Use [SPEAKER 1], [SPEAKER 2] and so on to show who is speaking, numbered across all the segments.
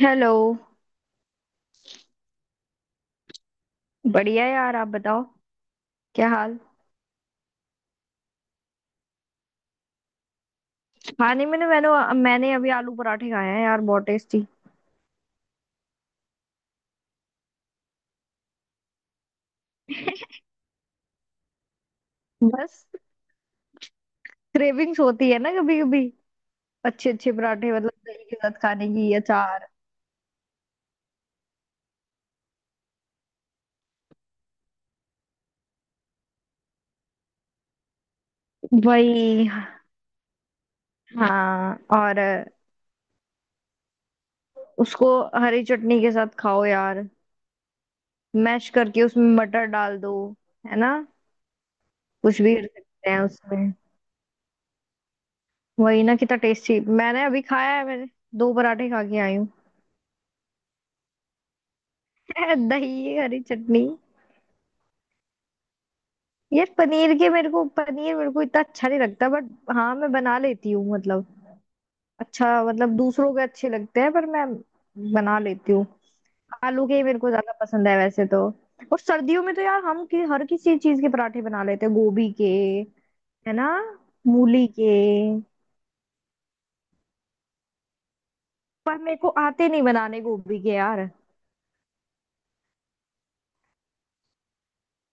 [SPEAKER 1] Hello. बढ़िया यार, आप बताओ। क्या हाल। खाने में ना मैंने मैंने अभी आलू पराठे खाए हैं यार, बहुत टेस्टी। बस क्रेविंग्स होती है ना कभी कभी। अच्छे अच्छे पराठे मतलब दही के साथ, खाने की अचार। वही हाँ। और उसको हरी चटनी के साथ खाओ यार, मैश करके उसमें मटर डाल दो, है ना। कुछ भी कर सकते हैं उसमें। वही ना, कितना टेस्टी मैंने अभी खाया है मैंने। दो पराठे खा के आई हूँ। दही हरी चटनी। यार, पनीर मेरे को इतना अच्छा नहीं लगता बट। हाँ मैं बना लेती हूँ मतलब। अच्छा मतलब दूसरों के अच्छे लगते हैं, पर मैं बना लेती हूँ। आलू के ही मेरे को ज्यादा पसंद है वैसे तो। और सर्दियों में तो यार हम हर किसी चीज के पराठे बना लेते हैं, गोभी के, है ना, मूली के। पर मेरे को आते नहीं बनाने गोभी के यार।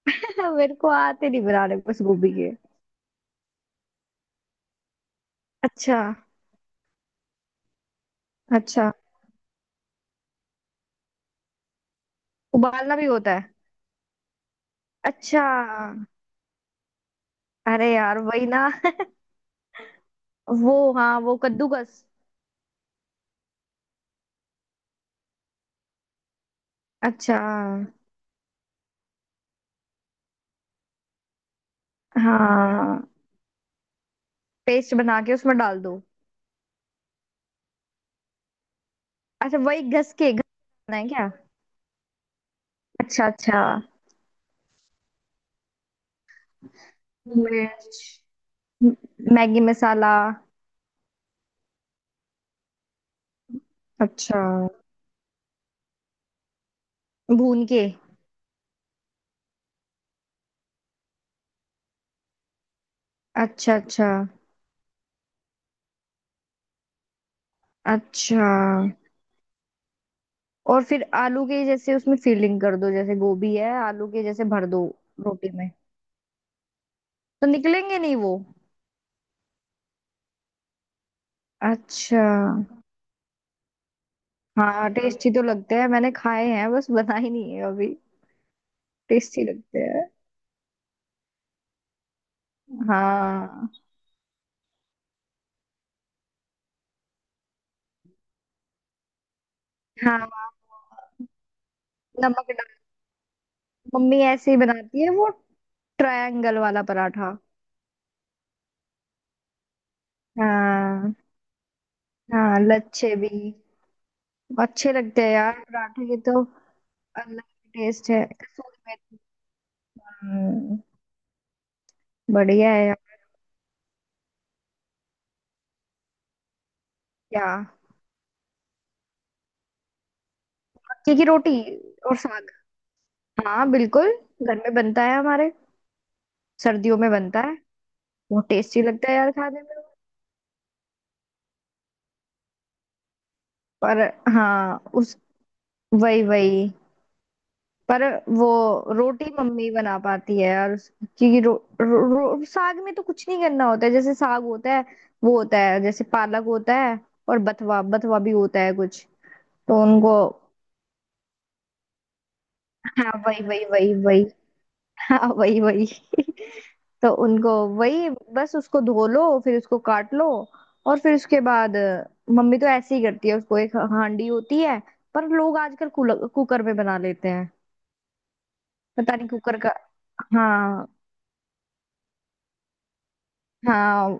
[SPEAKER 1] मेरे को आते नहीं बनाने बस गोभी के। अच्छा अच्छा। उबालना भी होता है? अच्छा। अरे यार वही ना। वो हाँ, वो कद्दूकस। अच्छा हाँ। पेस्ट बना के उसमें डाल दो। अच्छा वही घस के है क्या। अच्छा अच्छा। मिर्च, मैगी मसाला। अच्छा। भून के। अच्छा अच्छा अच्छा। और फिर आलू के जैसे उसमें फीलिंग कर दो, जैसे गोभी है आलू के जैसे भर दो, रोटी में तो निकलेंगे नहीं वो। अच्छा। हाँ टेस्टी तो लगते हैं, मैंने खाए हैं, बस बना ही नहीं है अभी। टेस्टी लगते हैं। हाँ हाँ। नमक डाल। मम्मी ऐसे ही बनाती है वो, ट्रायंगल वाला पराठा। हाँ हाँ लच्छे भी। अच्छे लगते हैं यार पराठे के तो, अलग टेस्ट है। कसूरी मेथी। हम्म, बढ़िया है यार। क्या। मक्के की रोटी और साग। हाँ बिल्कुल, घर में बनता है हमारे, सर्दियों में बनता है। बहुत टेस्टी लगता है यार खाने में। पर हाँ उस, वही वही पर, वो रोटी मम्मी बना पाती है, और क्योंकि रो, रो, रो, साग में तो कुछ नहीं करना होता है, जैसे साग होता है वो होता है जैसे पालक होता है, और बथवा बथवा भी होता है कुछ। तो उनको हाँ, वही वही वही वही। हाँ वही वही। तो उनको वही बस उसको धो लो, फिर उसको काट लो, और फिर उसके बाद मम्मी तो ऐसे ही करती है उसको, एक हांडी होती है। पर लोग आजकल कुकर में बना लेते हैं, पता नहीं कुकर का। हाँ हाँ,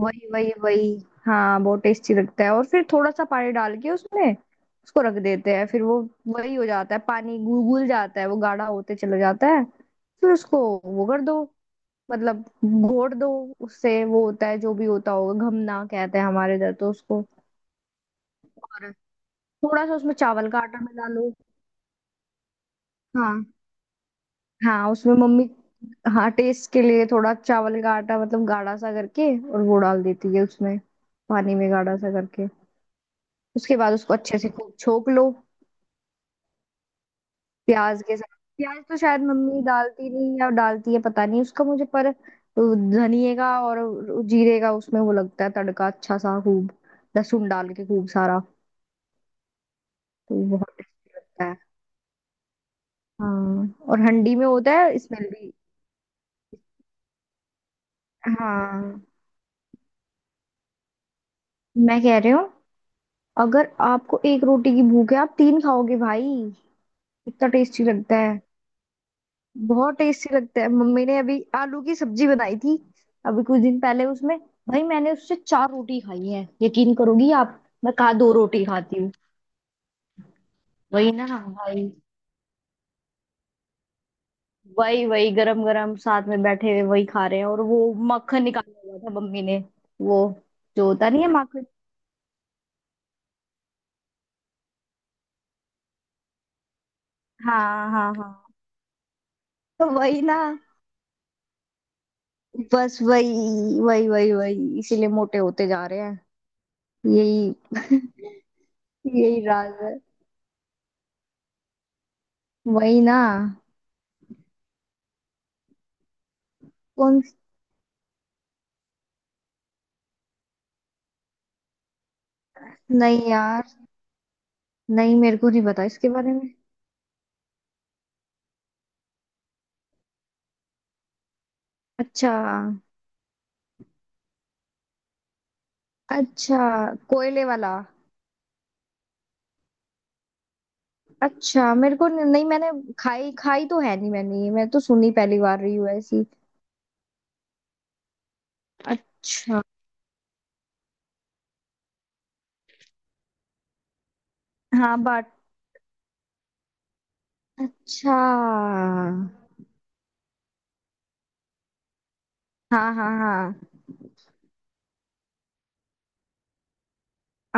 [SPEAKER 1] वही वही वही। हाँ बहुत टेस्टी लगता है, और फिर थोड़ा सा पानी डाल के उसमें उसको रख देते हैं, फिर वो वही हो जाता है, पानी घुल घुल जाता है, वो गाढ़ा होते चला जाता है, फिर उसको वो कर दो, मतलब घोट दो। उससे वो होता है जो भी होता होगा, घमना कहते हैं हमारे इधर तो उसको। और थोड़ा सा उसमें चावल का आटा मिला लो। हाँ हाँ, उसमें मम्मी, हाँ टेस्ट के लिए थोड़ा चावल का आटा मतलब गाढ़ा सा करके, और वो डाल देती है उसमें, पानी में गाढ़ा सा करके। उसके बाद उसको अच्छे से खूब छोक लो, प्याज के साथ। प्याज तो शायद मम्मी डालती नहीं या डालती है, पता नहीं उसका मुझे, पर वो धनिए का और जीरे का उसमें वो लगता है तड़का, अच्छा सा खूब लहसुन डाल के खूब सारा। तो वो बहुत टेस्टी लगता है। हाँ और हंडी में होता है स्मेल भी। हाँ मैं कह रही हूँ, अगर आपको एक रोटी की भूख है, आप तीन खाओगे भाई, इतना टेस्टी लगता है। बहुत टेस्टी लगता है। मम्मी ने अभी आलू की सब्जी बनाई थी अभी कुछ दिन पहले, उसमें भाई मैंने उससे चार रोटी खाई है, यकीन करोगी आप, मैं कहा दो रोटी खाती हूँ। वही ना भाई, वही वही गरम गरम साथ में बैठे हुए वही खा रहे हैं, और वो मक्खन निकाला हुआ था मम्मी ने, वो जो होता नहीं है माखन। हाँ हाँ हाँ। तो वही ना, बस वही वही वही वही इसीलिए मोटे होते जा रहे हैं। यही यही राज है। वही ना। कौन नहीं यार। नहीं मेरे को नहीं पता इसके बारे में। अच्छा अच्छा। कोयले वाला। अच्छा मेरे को न- नहीं, मैंने खाई खाई तो है नहीं मैंने, ये मैं तो सुनी पहली बार रही हूँ ऐसी। अच्छा। हाँ बाट। अच्छा। हाँ हाँ हाँ।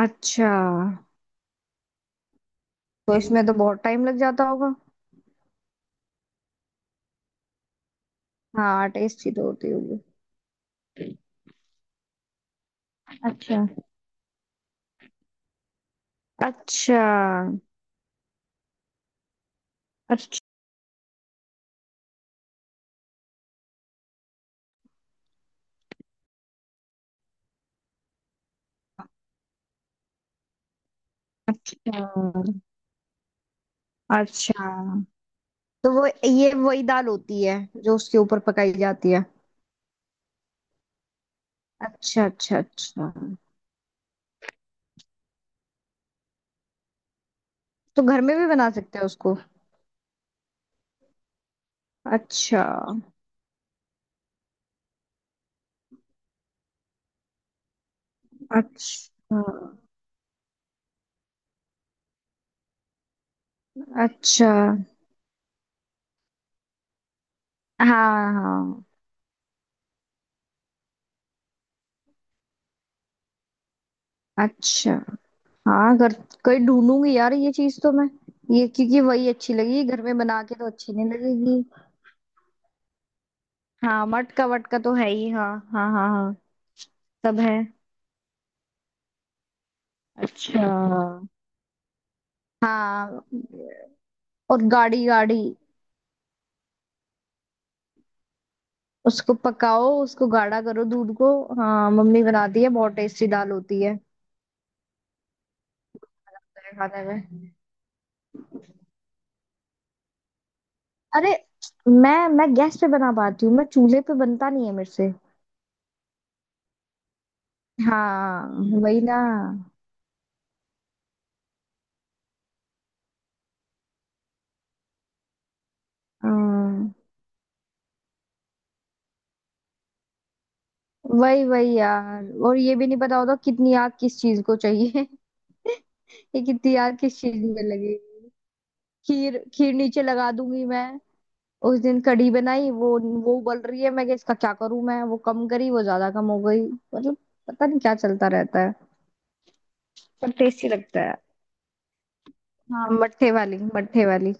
[SPEAKER 1] अच्छा। तो इसमें तो बहुत टाइम लग जाता होगा। हाँ टेस्टी तो होती होगी। अच्छा अच्छा अच्छा। अच्छा अच्छा। तो वो ये वही दाल होती है जो उसके ऊपर पकाई जाती है। अच्छा अच्छा अच्छा। तो घर में भी बना सकते हैं उसको। अच्छा अच्छा अच्छा। हाँ हाँ। अच्छा। हाँ घर, कहीं ढूंढूंगी यार ये चीज तो मैं, ये क्योंकि वही अच्छी लगी, घर में बना के तो अच्छी नहीं लगेगी। हाँ मटका वटका तो है ही, हाँ हाँ हाँ हाँ। सब है। अच्छा। हाँ और गाढ़ी गाढ़ी उसको पकाओ, उसको गाढ़ा करो दूध को। हाँ मम्मी बनाती है, बहुत टेस्टी दाल होती है, मेरे खाने में। अरे मैं गैस पे बना पाती हूँ, मैं चूल्हे पे बनता नहीं है मेरे से। हाँ। वही ना। हाँ, वही वही यार, और ये भी नहीं पता होता कितनी आग किस चीज को चाहिए। ये कितनी आग किस चीज में लगेगी। खीर खीर नीचे लगा दूंगी मैं। उस दिन कढ़ी बनाई वो उबल रही है, मैं कि इसका क्या करूं, मैं वो कम करी वो ज्यादा कम हो गई मतलब, पता नहीं क्या चलता रहता है, पर टेस्टी लगता है। हाँ मट्ठे वाली मट्ठे वाली।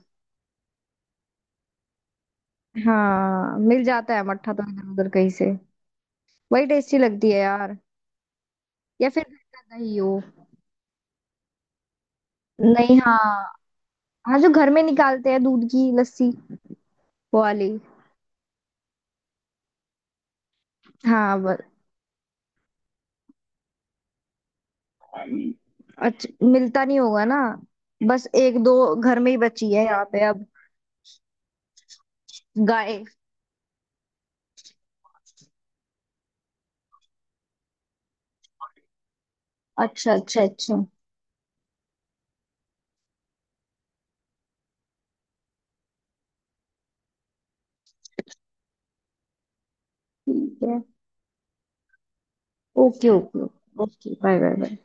[SPEAKER 1] हाँ मिल जाता है मट्ठा तो इधर उधर कहीं से। वही टेस्टी लगती है यार, या फिर घर का दही हो। नहीं हाँ, हाँ जो घर में निकालते हैं दूध की लस्सी वो वाली। हाँ बस। अच्छा मिलता नहीं होगा ना, बस एक दो घर में ही बची है यहाँ पे अब, गाय। अच्छा अच्छा अच्छा। ठीक है। Okay okay. Okay bye bye bye.